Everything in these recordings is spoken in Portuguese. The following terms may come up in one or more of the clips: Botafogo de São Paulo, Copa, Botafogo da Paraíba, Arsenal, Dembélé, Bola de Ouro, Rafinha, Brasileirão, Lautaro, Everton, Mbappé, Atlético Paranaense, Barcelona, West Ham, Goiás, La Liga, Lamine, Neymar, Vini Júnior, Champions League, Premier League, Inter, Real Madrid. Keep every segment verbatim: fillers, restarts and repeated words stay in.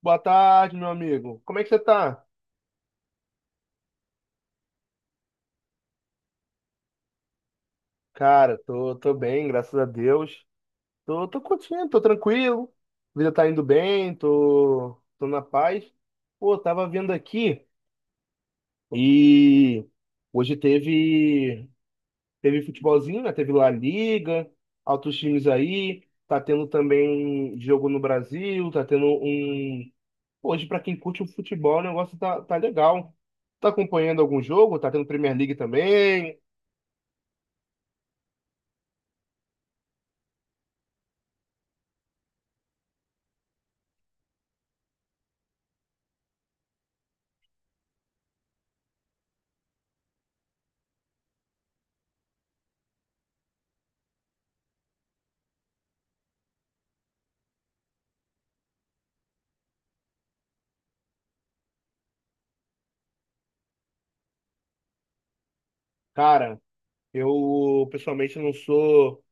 Boa tarde, meu amigo. Como é que você tá? Cara, tô, tô bem, graças a Deus. Tô, tô curtindo, tô tranquilo. A vida tá indo bem, tô, tô na paz. Pô, tava vendo aqui e hoje teve, teve futebolzinho, né? Teve La Liga, altos times aí. Tá tendo também jogo no Brasil, tá tendo um. Hoje, pra quem curte o futebol, o negócio tá, tá legal. Tá acompanhando algum jogo? Tá tendo Premier League também? Cara, Eu, pessoalmente, não sou.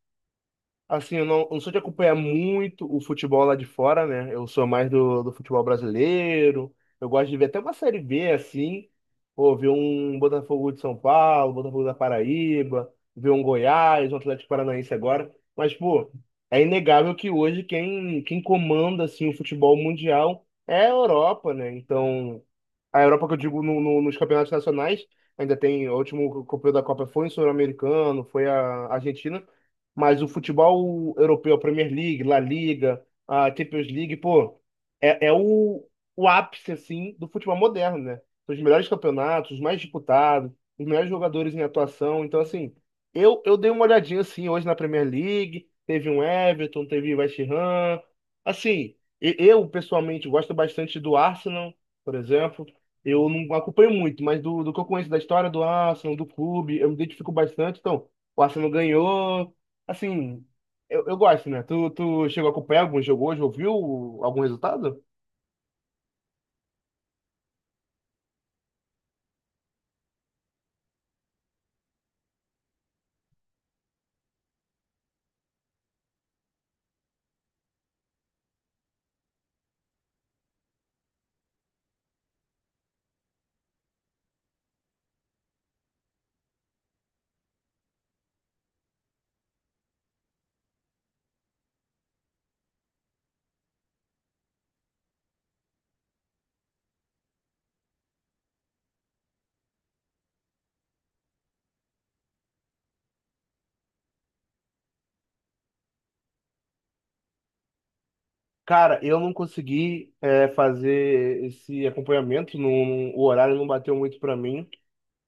Assim, eu não, eu não sou de acompanhar muito o futebol lá de fora, né? Eu sou mais do, do futebol brasileiro. Eu gosto de ver até uma série B, assim. Pô, ver um Botafogo de São Paulo, Botafogo da Paraíba, ver um Goiás, um Atlético Paranaense agora. Mas, pô, é inegável que hoje quem, quem comanda, assim, o futebol mundial é a Europa, né? Então, a Europa que eu digo no- no- nos campeonatos nacionais, ainda tem, o último campeão da Copa foi em Sul-Americano, foi a Argentina. Mas o futebol europeu, a Premier League, La Liga, a Champions League, pô, é, é o, o ápice, assim, do futebol moderno, né? São os melhores campeonatos, os mais disputados, os melhores jogadores em atuação. Então, assim, eu, eu dei uma olhadinha, assim, hoje na Premier League, teve um Everton, teve West Ham. Assim, e- eu, pessoalmente, gosto bastante do Arsenal, por exemplo. Eu não acompanho muito, mas do, do que eu conheço da história do Arsenal, do clube, eu me identifico bastante. Então, o Arsenal ganhou, assim, eu, eu gosto, né? Tu, tu chegou a acompanhar algum jogo hoje? Ouviu algum resultado? Cara, eu não consegui é, fazer esse acompanhamento, não- o horário não bateu muito pra mim,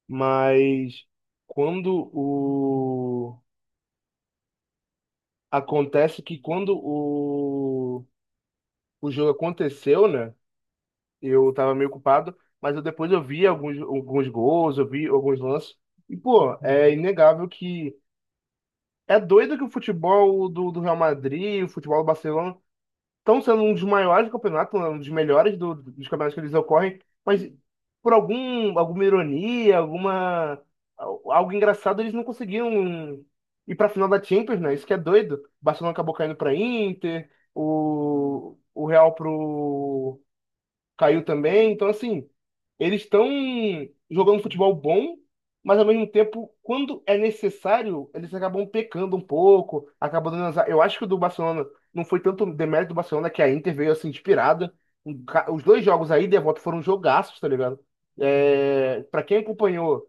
mas quando o... Acontece que quando o, o jogo aconteceu, né? Eu tava meio ocupado, mas eu depois eu vi alguns, alguns gols, eu vi alguns lances, e pô, é inegável que é doido que o futebol do, do Real Madrid, o futebol do Barcelona, estão sendo um dos maiores campeonatos, né, um dos melhores do- dos campeonatos que eles ocorrem, mas por algum, alguma ironia, alguma, al- algo engraçado, eles não conseguiram ir para a final da Champions, né? Isso que é doido. O Barcelona acabou caindo para Inter, o, o Real para caiu também. Então, assim, eles estão jogando futebol bom, mas ao mesmo tempo, quando é necessário, eles acabam pecando um pouco, acabam dando azar. Eu acho que o do Barcelona não foi tanto demérito do Barcelona que a Inter veio assim inspirada. Um ca- Os dois jogos aí, de volta, foram jogaços, tá ligado? É, para quem acompanhou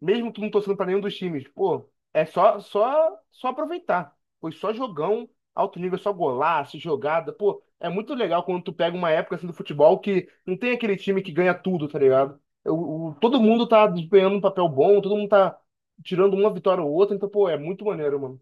mesmo tu não torcendo pra nenhum dos times, pô, é só, só, só aproveitar. Foi só jogão, alto nível, só golaço, jogada. Pô, é muito legal quando tu pega uma época assim do futebol que não tem aquele time que ganha tudo, tá ligado? O, o- todo mundo tá desempenhando um papel bom, todo mundo tá tirando uma vitória ou outra, então, pô, é muito maneiro, mano.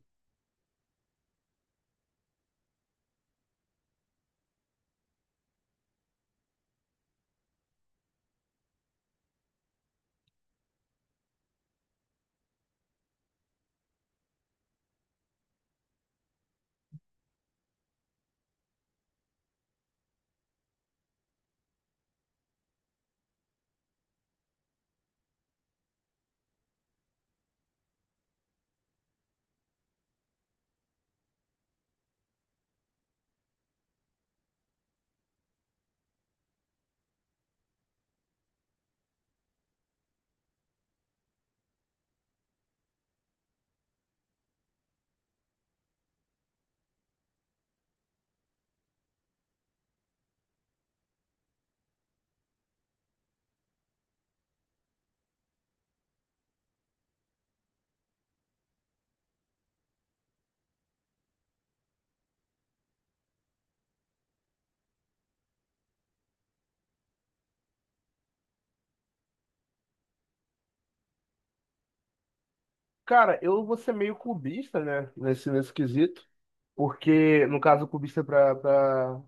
Cara, eu vou ser meio clubista, né, nesse, nesse quesito, porque, no caso, clubista pra, pra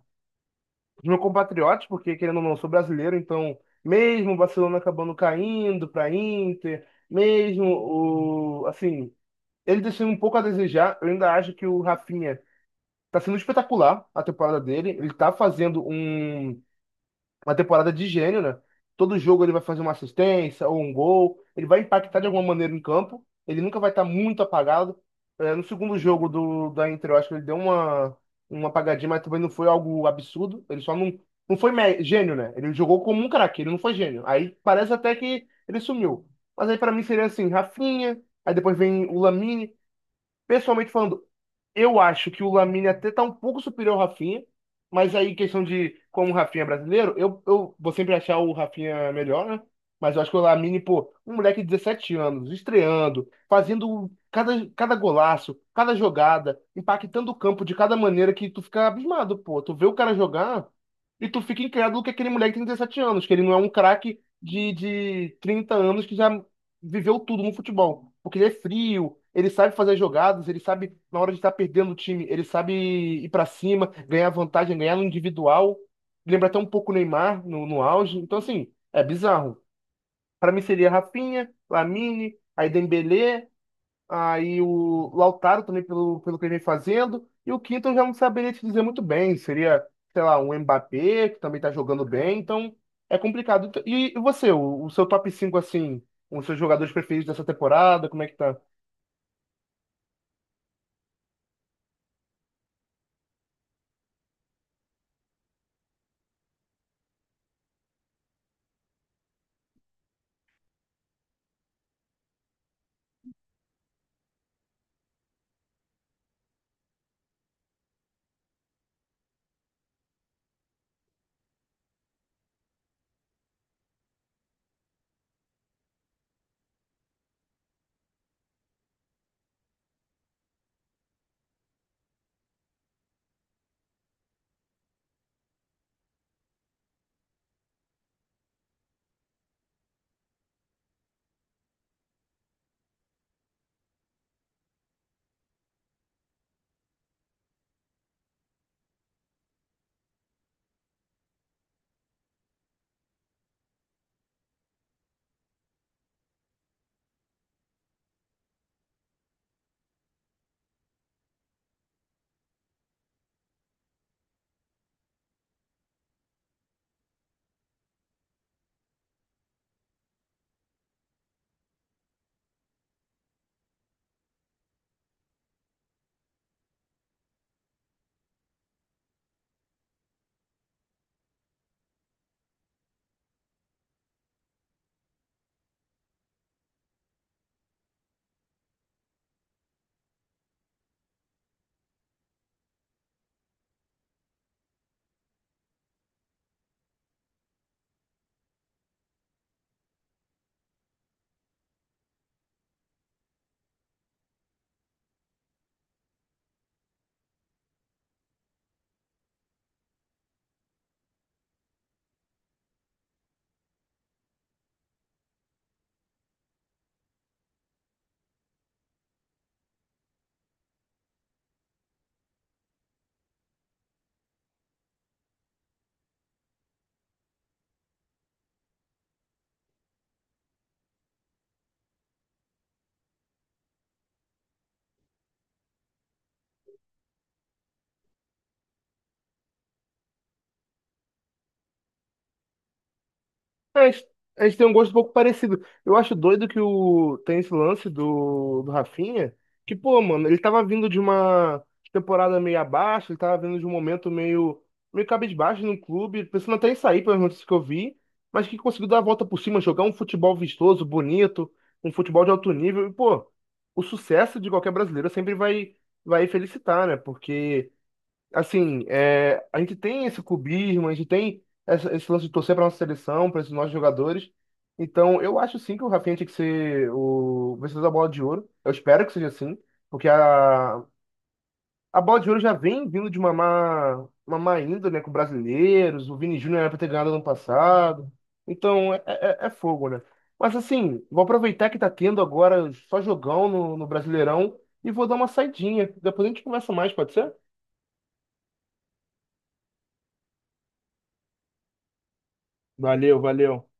os meus compatriotas, porque querendo ou não, eu sou brasileiro, então mesmo o Barcelona acabando caindo para Inter, mesmo o assim, ele deixando um pouco a desejar, eu ainda acho que o Rafinha tá sendo espetacular a temporada dele, ele tá fazendo um uma temporada de gênio, né? Todo jogo ele vai fazer uma assistência ou um gol, ele vai impactar de alguma maneira em campo, ele nunca vai estar muito apagado. É, no segundo jogo do, da Inter, eu acho que ele deu uma, uma apagadinha, mas também não foi algo absurdo, ele só não, não foi mé- gênio, né? Ele jogou como um craque, ele não foi gênio. Aí parece até que ele sumiu. Mas aí pra mim seria assim, Rafinha, aí depois vem o Lamine. Pessoalmente falando, eu acho que o Lamine até tá um pouco superior ao Rafinha, mas aí questão de como o Rafinha é brasileiro, eu, eu vou sempre achar o Rafinha melhor, né? Mas eu acho que o Lamine, pô, um moleque de dezessete anos, estreando, fazendo cada, cada golaço, cada jogada, impactando o campo de cada maneira que tu fica abismado, pô. Tu vê o cara jogar e tu fica incrédulo que aquele moleque tem dezessete anos, que ele não é um craque de, de trinta anos que já viveu tudo no futebol. Porque ele é frio, ele sabe fazer as jogadas, ele sabe, na hora de estar perdendo o time, ele sabe ir pra cima, ganhar vantagem, ganhar no individual. Lembra até um pouco o Neymar no, no auge. Então, assim, é bizarro. Pra mim seria Rafinha, Lamine, aí Dembélé, aí o Lautaro também, pelo, pelo que ele vem fazendo. E o quinto eu já não saberia te dizer muito bem. Seria, sei lá, um Mbappé, que também tá jogando bem. Então, é complicado. E, e você, o, o seu top cinco assim, os seus jogadores preferidos dessa temporada, como é que tá? É, a gente a gente tem um gosto um pouco parecido. Eu acho doido que o tem esse lance do, do Rafinha, que, pô, mano, ele tava vindo de uma temporada meio abaixo, ele tava vindo de um momento meio, meio cabisbaixo no clube, pensando até em sair, pelas notícias que eu vi, mas que conseguiu dar a volta por cima, jogar um futebol vistoso, bonito, um futebol de alto nível. E, pô, o sucesso de qualquer brasileiro sempre vai, vai felicitar, né? Porque assim, é, a gente tem esse cubismo, a gente tem essa- esse lance de torcer para nossa seleção, para esses nossos jogadores. Então, eu acho sim que o Rafinha tinha que ser o vencedor da Bola de Ouro. Eu espero que seja assim, porque a, a Bola de Ouro já vem vindo de uma má, uma má índole, né, com brasileiros. O Vini Júnior era para ter ganhado ano passado. Então, é, é- é é fogo, né? Mas assim, vou aproveitar que tá tendo agora só jogão no, no Brasileirão e vou dar uma saidinha. Depois a gente conversa mais, pode ser? Valeu, valeu.